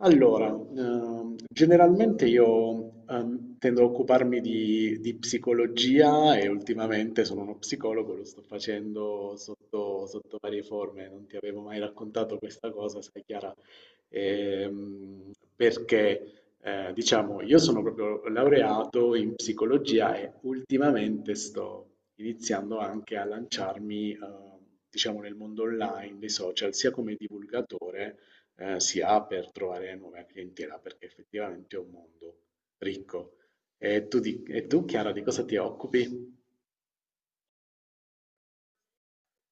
Allora, generalmente io tendo a occuparmi di psicologia e ultimamente sono uno psicologo, lo sto facendo sotto varie forme, non ti avevo mai raccontato questa cosa, sai Chiara. Perché diciamo io sono proprio laureato in psicologia e ultimamente sto iniziando anche a lanciarmi, diciamo, nel mondo online, dei social, sia come divulgatore si ha per trovare nuova clientela, perché effettivamente è un mondo ricco. E tu, Chiara, di cosa ti occupi?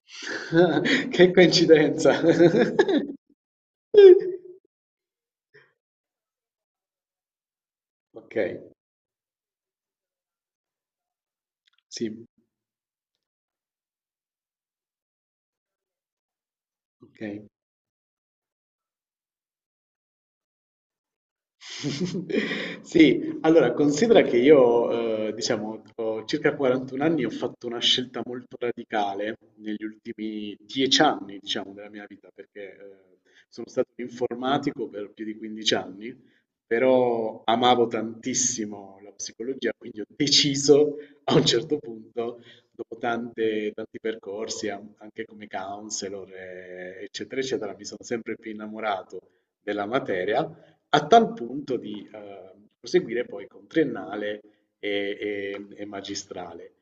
Che coincidenza! Ok, sì, ok. Sì, allora considera che io, diciamo, ho circa 41 anni e ho fatto una scelta molto radicale negli ultimi 10 anni, diciamo, della mia vita, perché sono stato un informatico per più di 15 anni, però amavo tantissimo la psicologia, quindi ho deciso a un certo punto, dopo tanti percorsi, anche come counselor, eccetera, eccetera, mi sono sempre più innamorato della materia a tal punto di proseguire poi con triennale e magistrale.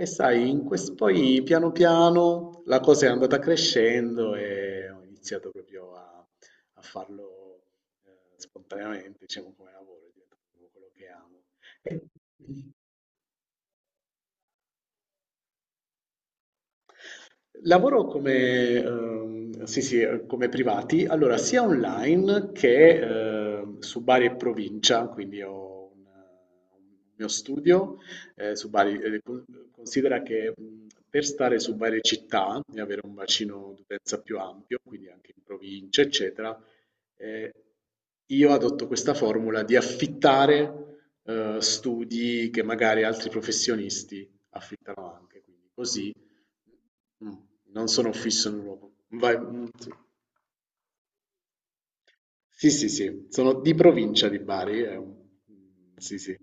E sai, poi piano piano la cosa è andata crescendo e ho iniziato proprio a farlo spontaneamente, diciamo come lavoro, è diventato proprio quello che amo. Lavoro come, sì, sì, come privati, allora sia online che su Bari e provincia, un mio studio su Bari. Considera che per stare su Bari città e avere un bacino d'utenza più ampio, quindi anche in provincia, eccetera, eh, io adotto questa formula di affittare studi che magari altri professionisti affittano anche, quindi così. Mh, non sono fisso in un luogo. Vai, mhmm, sì. Sì, sì, sì, sono di provincia di Bari, è un mhmm, sì, sì.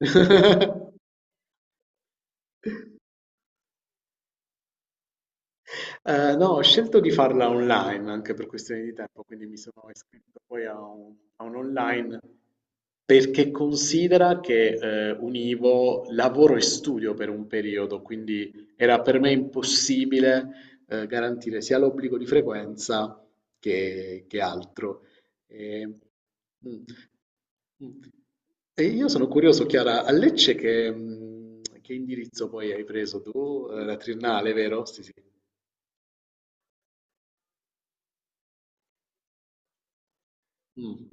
No, ho scelto di farla online anche per questioni di tempo, quindi mi sono iscritto poi a un online perché considera che univo lavoro e studio per un periodo, quindi era per me impossibile garantire sia l'obbligo di frequenza che altro. E, mm, mm. E io sono curioso, Chiara, a Lecce che, mm, che indirizzo poi hai preso tu? La triennale, vero? Sì, sì. Mm,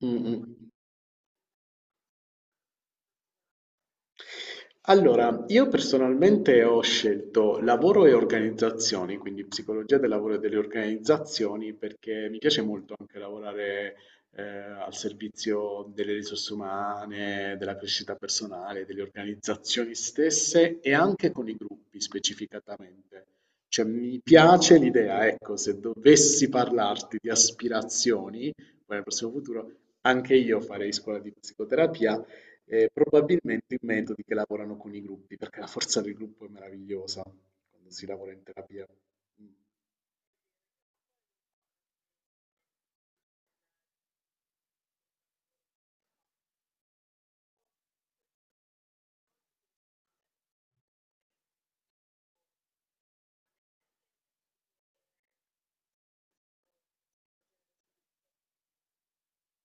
mm, mm. Allora, io personalmente ho scelto lavoro e organizzazioni, quindi psicologia del lavoro e delle organizzazioni, perché mi piace molto anche lavorare al servizio delle risorse umane, della crescita personale, delle organizzazioni stesse e anche con i gruppi specificatamente. Cioè, mi piace l'idea, ecco, se dovessi parlarti di aspirazioni, poi nel prossimo futuro, anche io farei scuola di psicoterapia. E probabilmente i metodi che lavorano con i gruppi, perché la forza del gruppo è meravigliosa quando si lavora in terapia.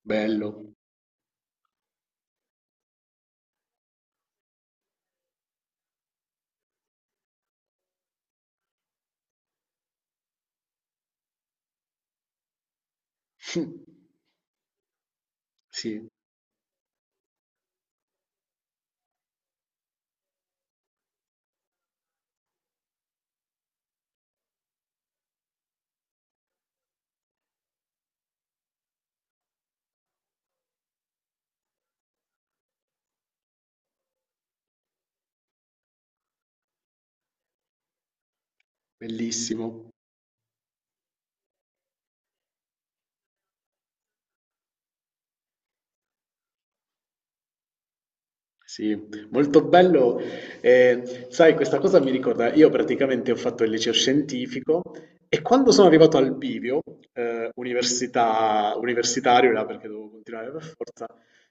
Bello, sì, bellissimo, sì, molto bello. Sai, questa cosa mi ricorda, io praticamente ho fatto il liceo scientifico e quando sono arrivato al bivio, università, universitario, là, perché dovevo continuare per forza.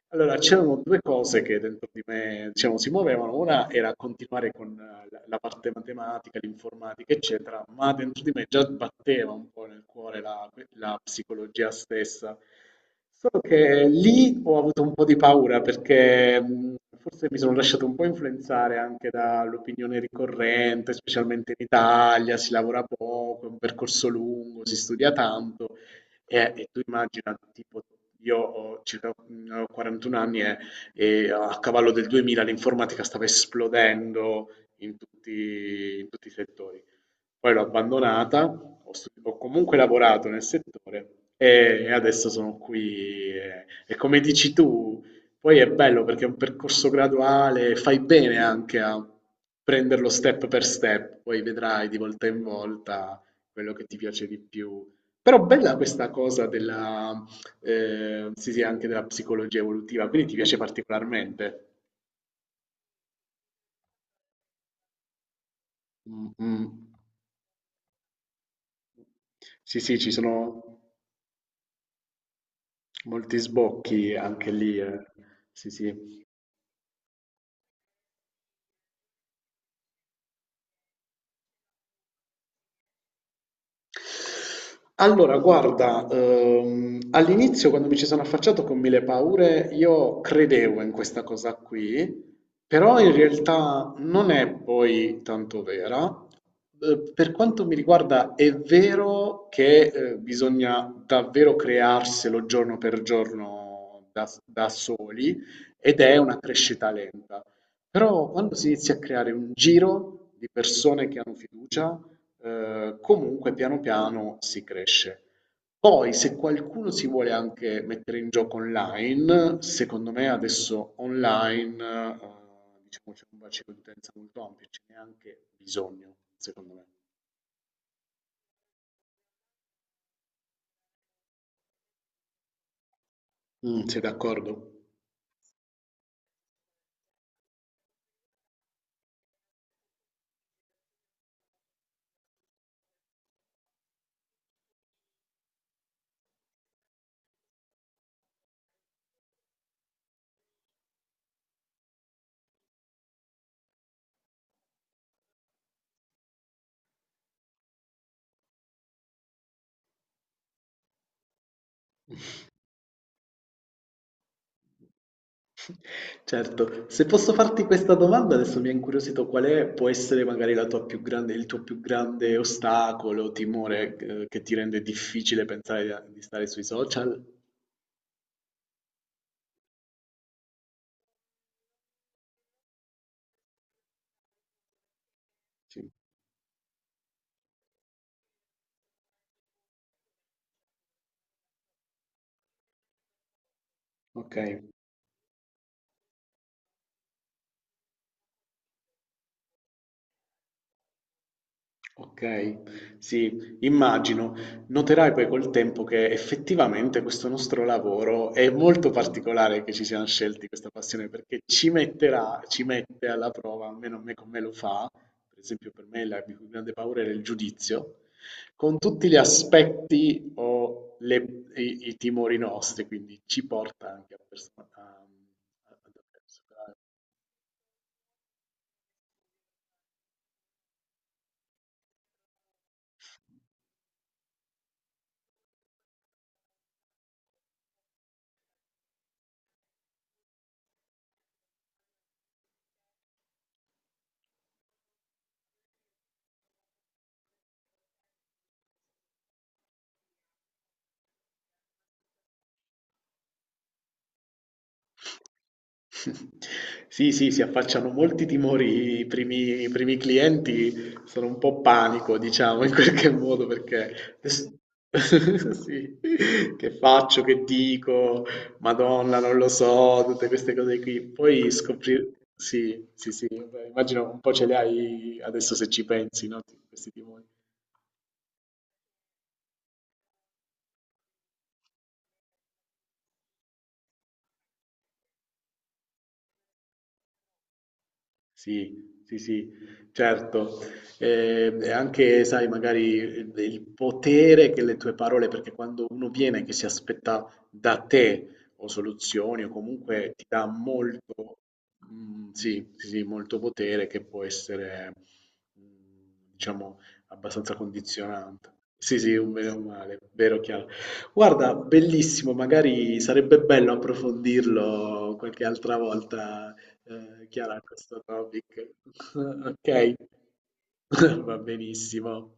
Allora, c'erano due cose che dentro di me, diciamo, si muovevano. Una era continuare con la parte matematica, l'informatica, eccetera, ma dentro di me già batteva un po' nel cuore la psicologia stessa. Solo che lì ho avuto un po' di paura perché forse mi sono lasciato un po' influenzare anche dall'opinione ricorrente, specialmente in Italia, si lavora poco, è un percorso lungo, si studia tanto. E tu immagina, tipo, io ho circa ho 41 anni e a cavallo del 2000 l'informatica stava esplodendo in tutti i settori. Poi l'ho abbandonata, ho comunque lavorato nel settore e adesso sono qui. E come dici tu, poi è bello perché è un percorso graduale, fai bene anche a prenderlo step per step, poi vedrai di volta in volta quello che ti piace di più. Però bella questa cosa della, sì, sì, anche della psicologia evolutiva, quindi ti piace particolarmente. Mm, mm. Sì, sì, ci sono molti sbocchi anche lì, eh. Sì, sì. Allora, guarda, all'inizio quando mi ci sono affacciato con mille paure, io credevo in questa cosa qui, però in realtà non è poi tanto vera. Per quanto mi riguarda, è vero che bisogna davvero crearselo giorno per giorno da soli ed è una crescita lenta. Però quando si inizia a creare un giro di persone che hanno fiducia, comunque piano piano si cresce. Poi, se qualcuno si vuole anche mettere in gioco online, secondo me adesso online, diciamo, c'è un bacino di utenza molto ampio, ce n'è anche bisogno, secondo me. Mm, sei d'accordo? Certo, se posso farti questa domanda, adesso mi ha incuriosito qual è, può essere magari la tua più grande, il tuo più grande ostacolo, timore, che ti rende difficile pensare di stare sui social? Sì. Ok. Ok, sì, immagino. Noterai poi col tempo che effettivamente questo nostro lavoro è molto particolare, che ci siamo scelti questa passione perché ci metterà, ci mette alla prova, almeno a me come lo fa, per esempio per me la mia più grande paura era il giudizio, con tutti gli aspetti o i, i timori nostri, quindi ci porta anche a, a dover superare. Sì, sì, si affacciano molti timori i primi clienti, sono un po' panico, diciamo, in qualche modo, perché sì, che faccio, che dico, Madonna, non lo so, tutte queste cose qui. Poi scoprire, sì, sì, sì, beh, immagino un po' ce le hai adesso se ci pensi, no? Questi timori. Sì, sì, sì, certo. E anche, sai, magari il potere che le tue parole, perché quando uno viene che si aspetta da te o soluzioni o comunque ti dà molto, mm, sì, sì, sì, molto potere che può essere, mm, diciamo, abbastanza condizionante. Sì, sì, un bene o un male, vero, chiaro. Guarda, bellissimo, magari sarebbe bello approfondirlo qualche altra volta, chiara questo topic. Ok, va benissimo.